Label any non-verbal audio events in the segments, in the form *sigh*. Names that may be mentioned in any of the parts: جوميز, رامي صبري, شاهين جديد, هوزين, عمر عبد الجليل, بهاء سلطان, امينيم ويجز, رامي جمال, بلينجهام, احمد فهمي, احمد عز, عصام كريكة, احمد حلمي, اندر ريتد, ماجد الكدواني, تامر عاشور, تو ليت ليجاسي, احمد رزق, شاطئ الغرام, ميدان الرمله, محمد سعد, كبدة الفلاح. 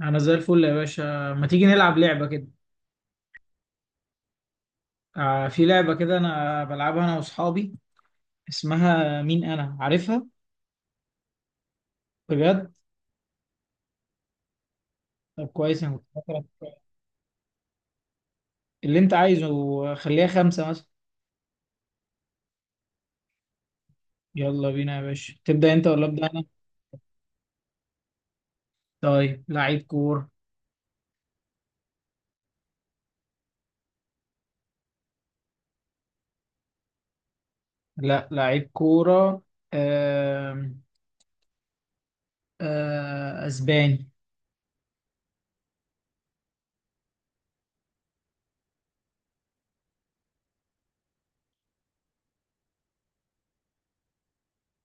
انا زي الفل يا باشا، ما تيجي نلعب لعبة كده؟ آه في لعبة كده انا بلعبها انا واصحابي. اسمها مين انا عارفها؟ بجد؟ طب كويس، انا كنت فاكرك. اللي انت عايزه. خليها 5 مثلا. يلا بينا يا باشا، تبدأ انت ولا ابدأ انا؟ طيب، لعيب كورة. لا لعيب كورة. آم، اسباني.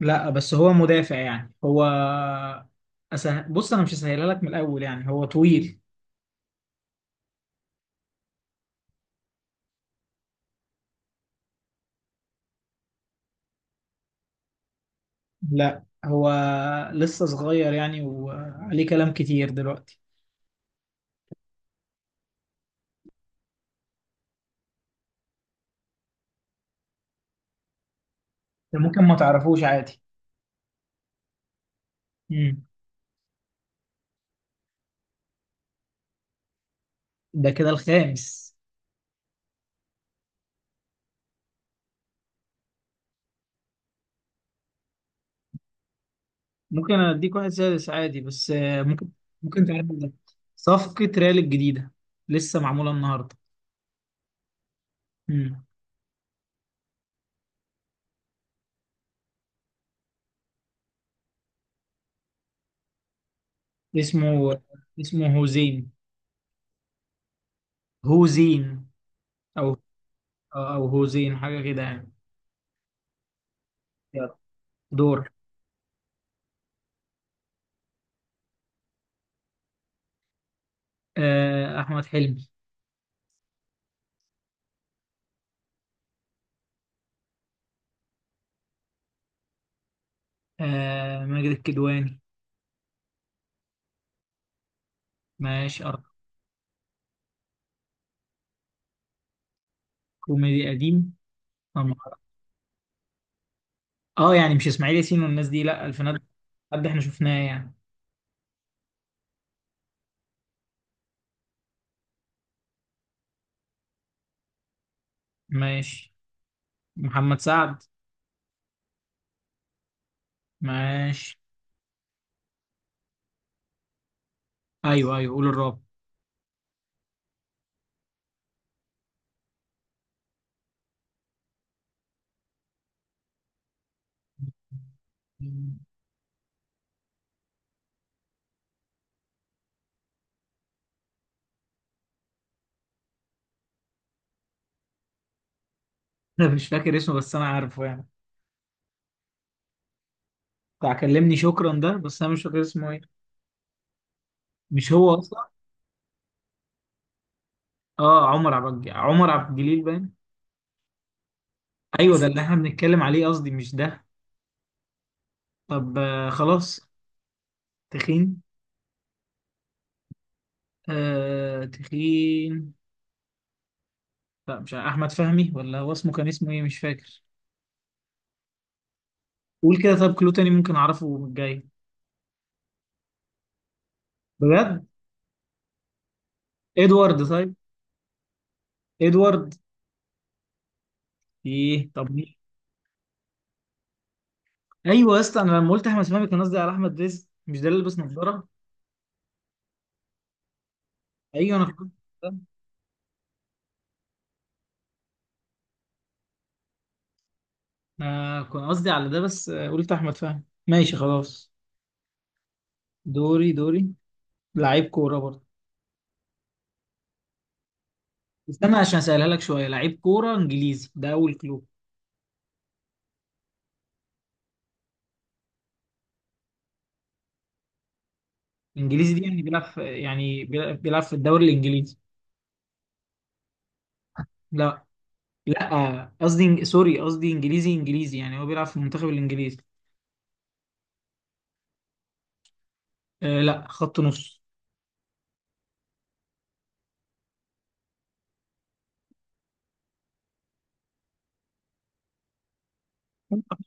لا بس هو مدافع، يعني هو بص انا مش هسهلها لك من الاول، يعني هو طويل. لا هو لسه صغير يعني، وعليه كلام كتير دلوقتي. ده ممكن ما تعرفوش عادي. مم. ده كده الخامس. ممكن اديك واحد سادس عادي، بس ممكن تعرف ده. صفقة ريال الجديدة لسه معمولة النهاردة. مم. اسمه اسمه هوزين. هوزين. او او هوزين حاجة كده يعني. يلا. دور. احمد حلمي. ماجد الكدواني. ماشي أرق. كوميدي قديم. آه، اه يعني مش اسماعيل ياسين والناس دي، لا الفنات. حد احنا شفناه يعني. ماشي. محمد سعد. ماشي. ايوه ايوه، قول الرابع. انا مش فاكر اسمه بس انا عارفه يعني. بتاع كلمني شكرا ده، بس انا مش فاكر اسمه ايه. مش هو اصلا. اه عمر عبد الجليل باين. ايوه ده اللي احنا بنتكلم عليه، قصدي مش ده. طب خلاص. تخين. آه تخين. لا مش عارف. احمد فهمي، ولا هو اسمه كان اسمه ايه مش فاكر. قول كده طب كلو تاني ممكن اعرفه من الجاي. بجد؟ ادوارد طيب. ادوارد. ايه طب مين؟ ايوه يا اسطى، انا لما قلت احمد فهمي كان قصدي على احمد رزق. مش ده اللي لابس نظاره؟ ايوه انا فكرت ده. انا كنت قصدي على ده، بس قلت احمد فهمي. ماشي خلاص. دوري دوري. لعيب كوره برضه. استنى عشان اسالها لك شويه، لعيب كوره انجليزي ده اول كلو. انجليزي دي يعني بيلعب في، يعني بيلعب في الدوري الانجليزي. لا لا، قصدي سوري قصدي انجليزي انجليزي، يعني هو بيلعب في المنتخب الانجليزي. آه لا خط نص.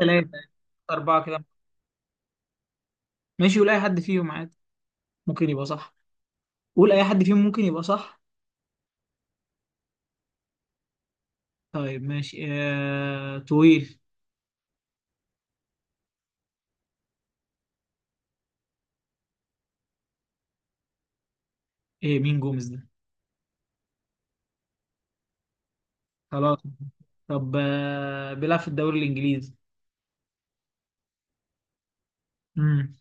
3 4 كده. ماشي ولا أي حد فيهم عادي ممكن يبقى صح. قول اي حد فيهم ممكن يبقى صح. طيب ماشي طويل. ايه مين جوميز ده؟ خلاص. طب بيلعب في الدوري الانجليزي. امم.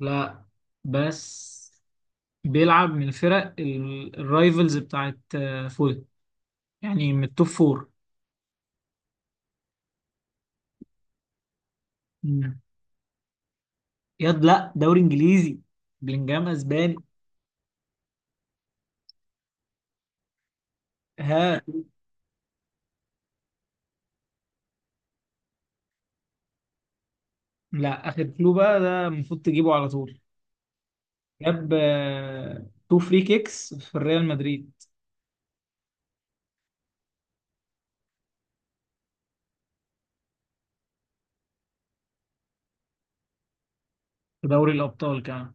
لا بس بيلعب من الفرق الرايفلز بتاعت فول، يعني من التوب فور. امم. ياد لا دوري انجليزي. بلينجهام اسباني. ها. لا اخر كلو بقى، ده المفروض تجيبه على طول. جاب تو فري كيكس في ريال مدريد. في دوري الابطال كمان.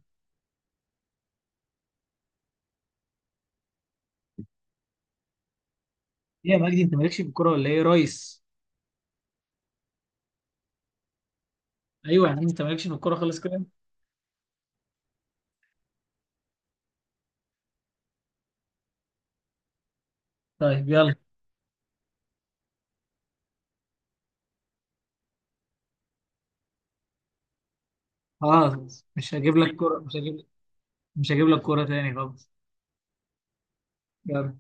ايه يا مجدي انت مالكش في الكوره ولا ايه يا ريس؟ ايوه يا عم انت مالكش في الكوره خالص كده. طيب يلا. خلاص مش هجيب لك كوره. مش هجيب لك كوره تاني خالص. يلا.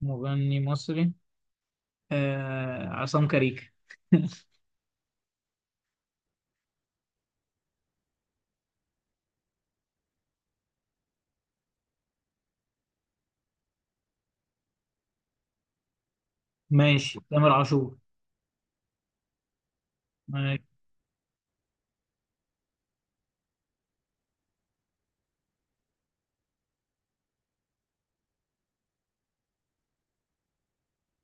مغني مصري. عصام كريكة. *laughs* ماشي تامر عاشور. ماشي.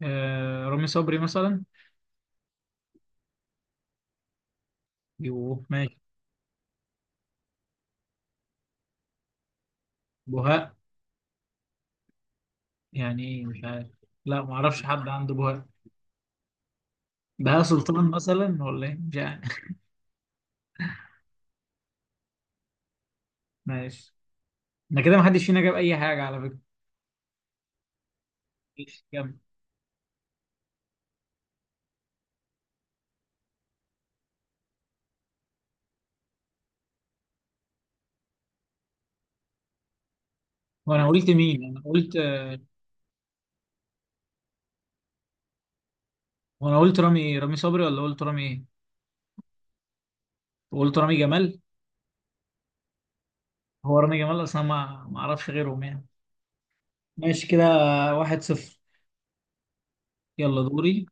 رامي صبري مثلا. يوه ماشي. بهاء. يعني ايه مش عارف. لا ما اعرفش حد عنده بهاء. بهاء سلطان مثلا ولا ايه مش عارف. *laughs* ماشي. انا كده ما حدش فينا جاب اي حاجه على فكره. ماشي، كمل. وانا قلت مين انا قلت وانا قلت رامي صبري ولا قلت رامي ايه؟ قلت رامي جمال. هو رامي جمال اصلا، ما اعرفش غيرهم يعني. ماشي كده. 1-0. يلا دوري.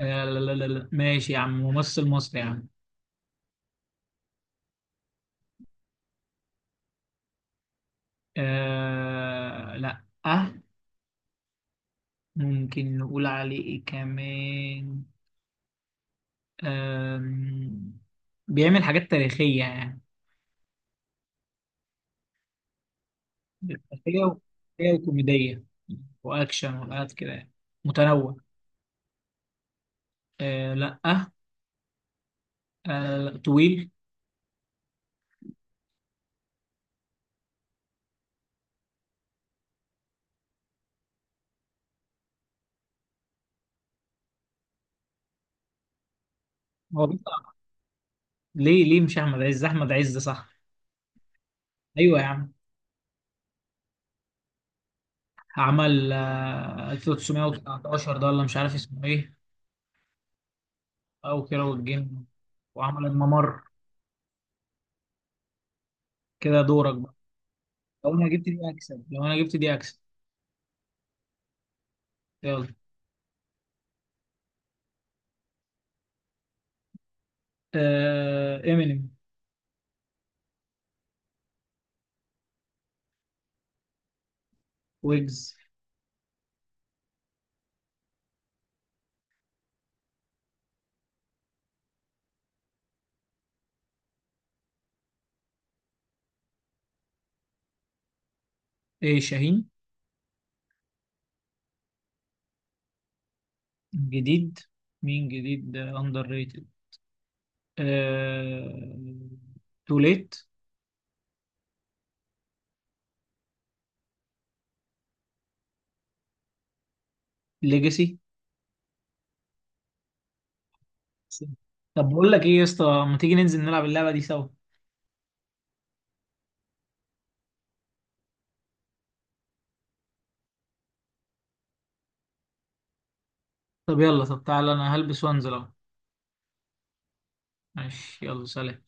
آه لا لا لا لا ماشي يا عم، ممثل مصري يا عم. آه لا اه. ممكن نقول عليه ايه كمان؟ آم، بيعمل حاجات تاريخية يعني. تاريخية و- تاريخية وكوميدية وأكشن وحاجات كده يعني. متنوع. آه لا آه. آه، لا، طويل. هو ليه مش احمد عز احمد عز صح؟ ايوه يا عم. عمل 1919 ده ولا مش عارف اسمه ايه. او كده والجن. وعمل الممر. كده دورك بقى. لو انا جبت دي اكسب لو انا جبت دي اكسب. يلا. امينيم. ويجز. ايه شاهين؟ جديد. مين جديد اندر ريتد؟ آه تو ليت. ليجاسي. طب بقول لك ايه يا اسطى، ما تيجي ننزل نلعب اللعبه دي سوا؟ طب يلا طب تعالى انا هلبس وانزل اهو. ماشي يلا سلام.